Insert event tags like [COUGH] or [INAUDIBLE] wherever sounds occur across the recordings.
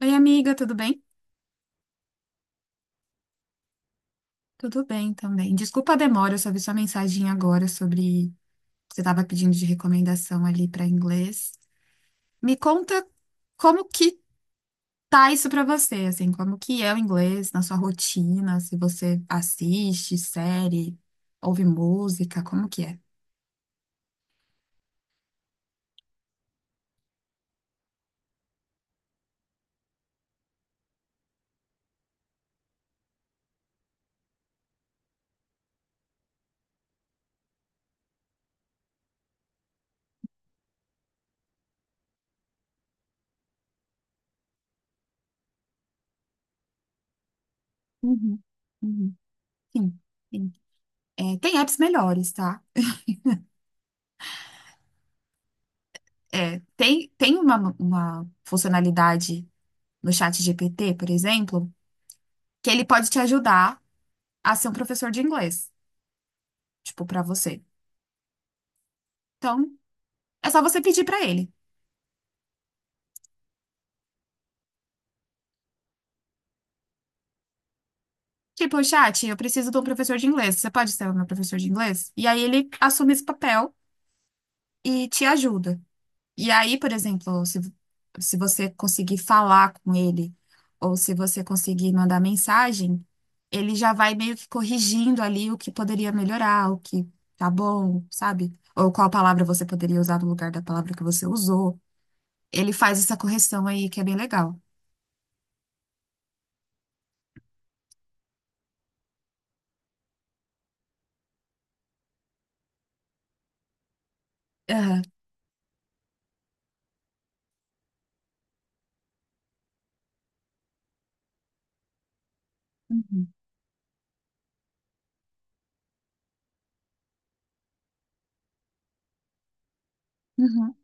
Oi, amiga, tudo bem? Tudo bem também. Desculpa a demora, eu só vi sua mensagem agora sobre você estava pedindo de recomendação ali para inglês. Me conta como que tá isso para você, assim, como que é o inglês na sua rotina, se você assiste série, ouve música, como que é? Uhum, uhum. Sim, sim. É, tem apps melhores, tá? É, tem uma funcionalidade no chat GPT, por exemplo, que ele pode te ajudar a ser um professor de inglês, tipo, pra você. Então, é só você pedir pra ele. Tipo, chat, eu preciso de um professor de inglês. Você pode ser o meu professor de inglês? E aí ele assume esse papel e te ajuda. E aí, por exemplo, se você conseguir falar com ele, ou se você conseguir mandar mensagem, ele já vai meio que corrigindo ali o que poderia melhorar, o que tá bom, sabe? Ou qual palavra você poderia usar no lugar da palavra que você usou. Ele faz essa correção aí que é bem legal. Aham. Uhum, uhum,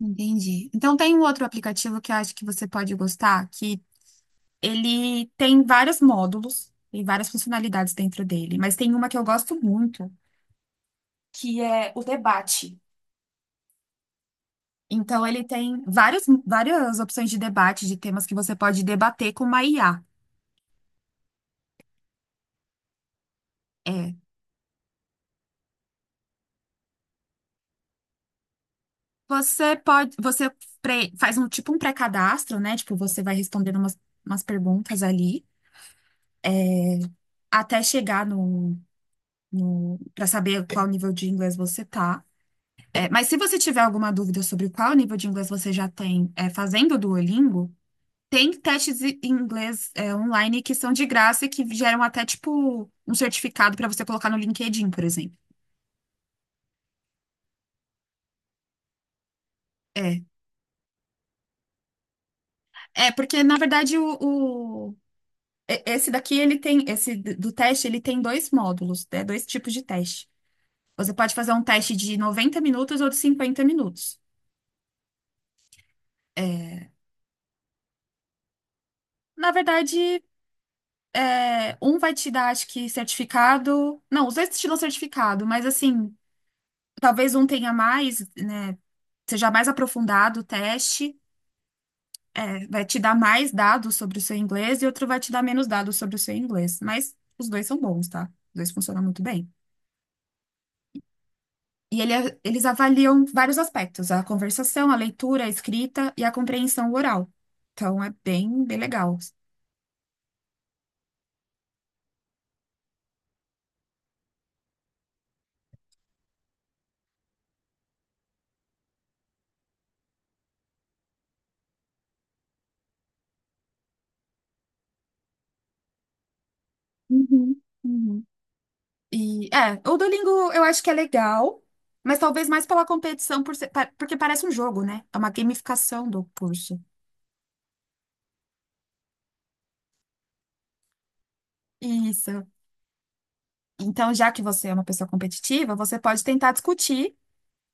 entendi. Então tem um outro aplicativo que eu acho que você pode gostar, que ele tem vários módulos, tem várias funcionalidades dentro dele, mas tem uma que eu gosto muito, que é o debate. Então ele tem várias, várias opções de debate, de temas que você pode debater com uma IA. É, você pode, você pre- faz um tipo um pré-cadastro, né? Tipo, você vai respondendo umas perguntas ali até chegar no, no para saber qual nível de inglês você tá. É, mas se você tiver alguma dúvida sobre qual nível de inglês você já tem, fazendo o Duolingo, tem testes em inglês, online que são de graça e que geram até, tipo, um certificado para você colocar no LinkedIn, por exemplo. É, é, porque, na verdade, esse daqui, do teste, ele tem dois módulos, né? Dois tipos de teste. Você pode fazer um teste de 90 minutos ou de 50 minutos. É. Na verdade, um vai te dar, acho que, certificado. Não, os dois te dão certificado, mas assim, talvez um tenha mais, né? Seja mais aprofundado o teste, vai te dar mais dados sobre o seu inglês e outro vai te dar menos dados sobre o seu inglês. Mas os dois são bons, tá? Os dois funcionam muito bem. E eles avaliam vários aspectos: a conversação, a leitura, a escrita e a compreensão oral. Então é bem, bem legal. Uhum, uhum. E o Duolingo eu acho que é legal, mas talvez mais pela competição, porque parece um jogo, né? É uma gamificação do curso. Isso. Então, já que você é uma pessoa competitiva, você pode tentar discutir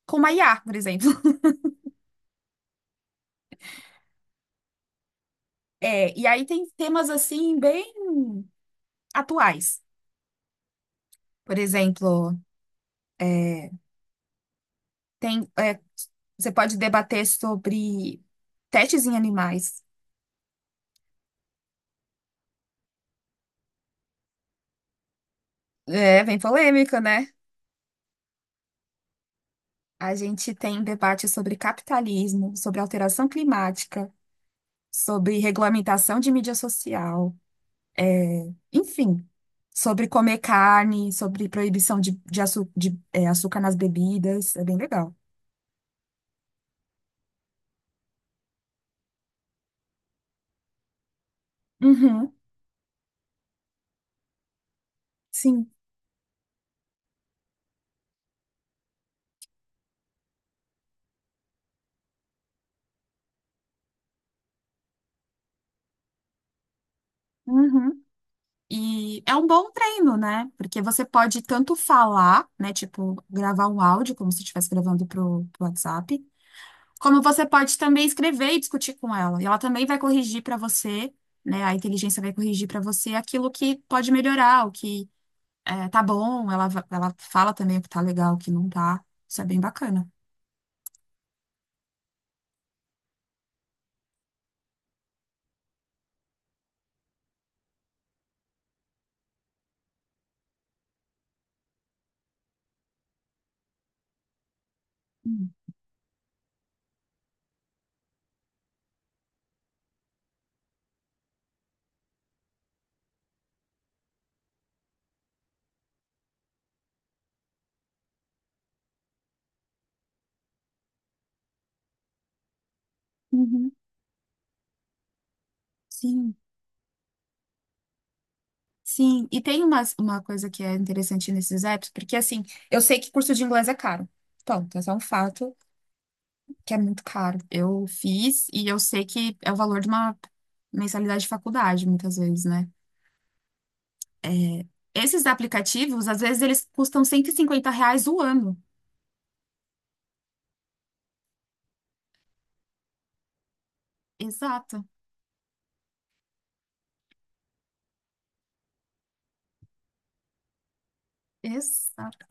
com uma IA, por exemplo. [LAUGHS] É, e aí tem temas assim bem atuais. Por exemplo, é, tem, você pode debater sobre testes em animais. É, bem polêmico, né? A gente tem debate sobre capitalismo, sobre alteração climática, sobre regulamentação de mídia social. Enfim, sobre comer carne, sobre proibição de açúcar nas bebidas. É bem legal. Uhum, sim. Uhum. E é um bom treino, né? Porque você pode tanto falar, né? Tipo, gravar um áudio, como se estivesse gravando pro WhatsApp, como você pode também escrever e discutir com ela. E ela também vai corrigir para você, né? A inteligência vai corrigir para você aquilo que pode melhorar, o que é, tá bom, ela fala também o que tá legal, o que não tá. Isso é bem bacana. Uhum. Sim, sim. E tem uma coisa que é interessante nesses apps, porque assim, eu sei que curso de inglês é caro. Ponto, esse é um fato que é muito caro. Eu fiz e eu sei que é o valor de uma mensalidade de faculdade, muitas vezes, né? É, esses aplicativos, às vezes, eles custam R$ 150 o ano. Exato, exato.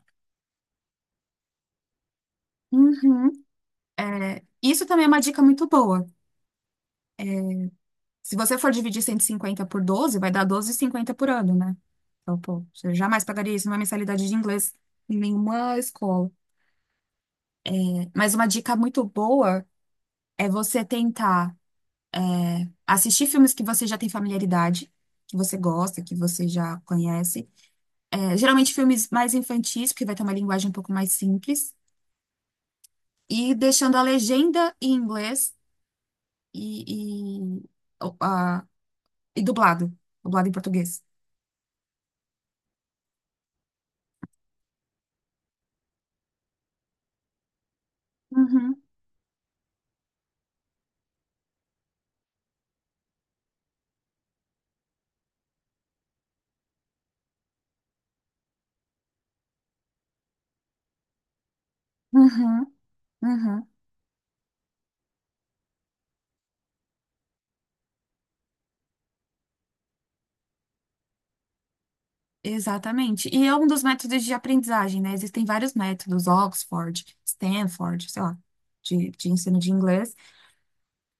Uhum. É, isso também é uma dica muito boa. Se você for dividir 150 por 12 vai dar 12,50 por ano, né? Então, pô, você jamais pagaria isso numa mensalidade de inglês em nenhuma escola. Mas uma dica muito boa é você tentar assistir filmes que você já tem familiaridade, que você gosta, que você já conhece. É, geralmente filmes mais infantis, porque vai ter uma linguagem um pouco mais simples. E deixando a legenda em inglês e, e, o- a- e dublado. Dublado em português. Uhum, uhum, uhum. Exatamente. E é um dos métodos de aprendizagem, né? Existem vários métodos, Oxford, Stanford, sei lá, de ensino de inglês.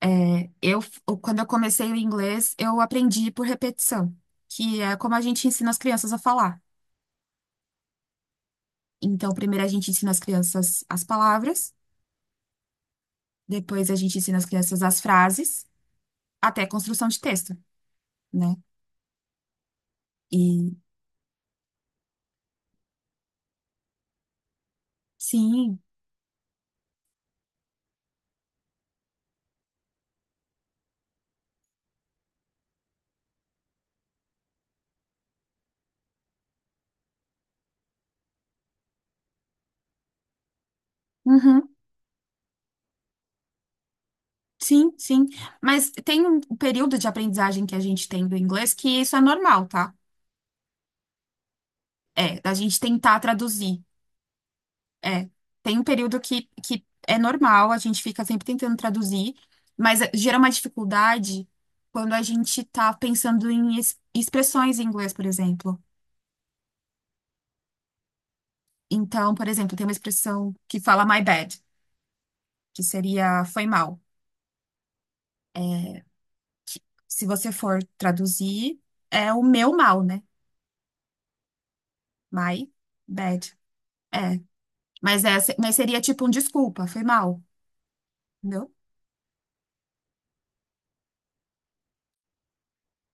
É, quando eu comecei o inglês, eu aprendi por repetição, que é como a gente ensina as crianças a falar. Então, primeiro a gente ensina as crianças as palavras, depois a gente ensina as crianças as frases, até a construção de texto, né? E sim, uhum, sim, sim. Mas tem um período de aprendizagem que a gente tem do inglês que isso é normal, tá? É, da gente tentar traduzir. É, tem um período que é normal, a gente fica sempre tentando traduzir, mas gera uma dificuldade quando a gente tá pensando em expressões em inglês, por exemplo. Então, por exemplo, tem uma expressão que fala my bad, que seria foi mal. É, que, se você for traduzir, é o meu mal, né? My bad. É, mas seria tipo um desculpa, foi mal, entendeu?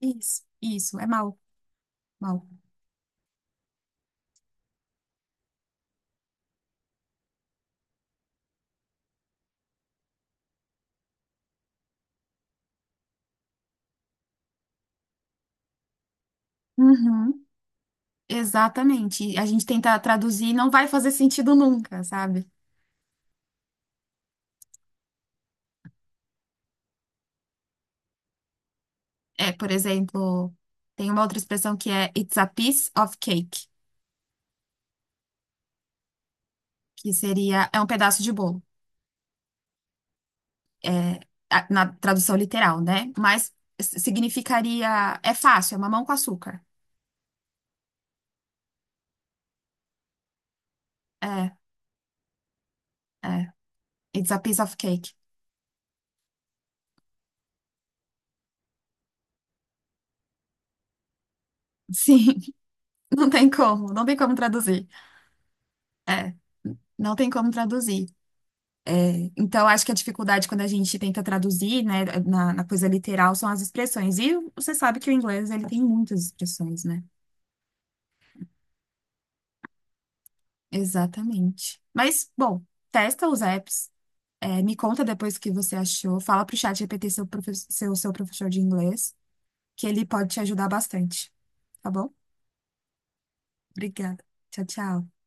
Isso, é mal, mal. Uhum. Exatamente. A gente tenta traduzir e não vai fazer sentido nunca, sabe? É, por exemplo, tem uma outra expressão que é It's a piece of cake, que seria é um pedaço de bolo, é, na tradução literal, né? Mas significaria é fácil, é mamão com açúcar. É, é. It's a piece of cake. Sim, [LAUGHS] não tem como, não tem como traduzir. É, não tem como traduzir. É, então, acho que a dificuldade quando a gente tenta traduzir, né, na coisa literal são as expressões. E você sabe que o inglês, ele tem muitas expressões, né? Exatamente. Mas, bom, testa os apps, me conta depois o que você achou, fala pro chat GPT seu professor de inglês, que ele pode te ajudar bastante, tá bom? Obrigada. Tchau, tchau.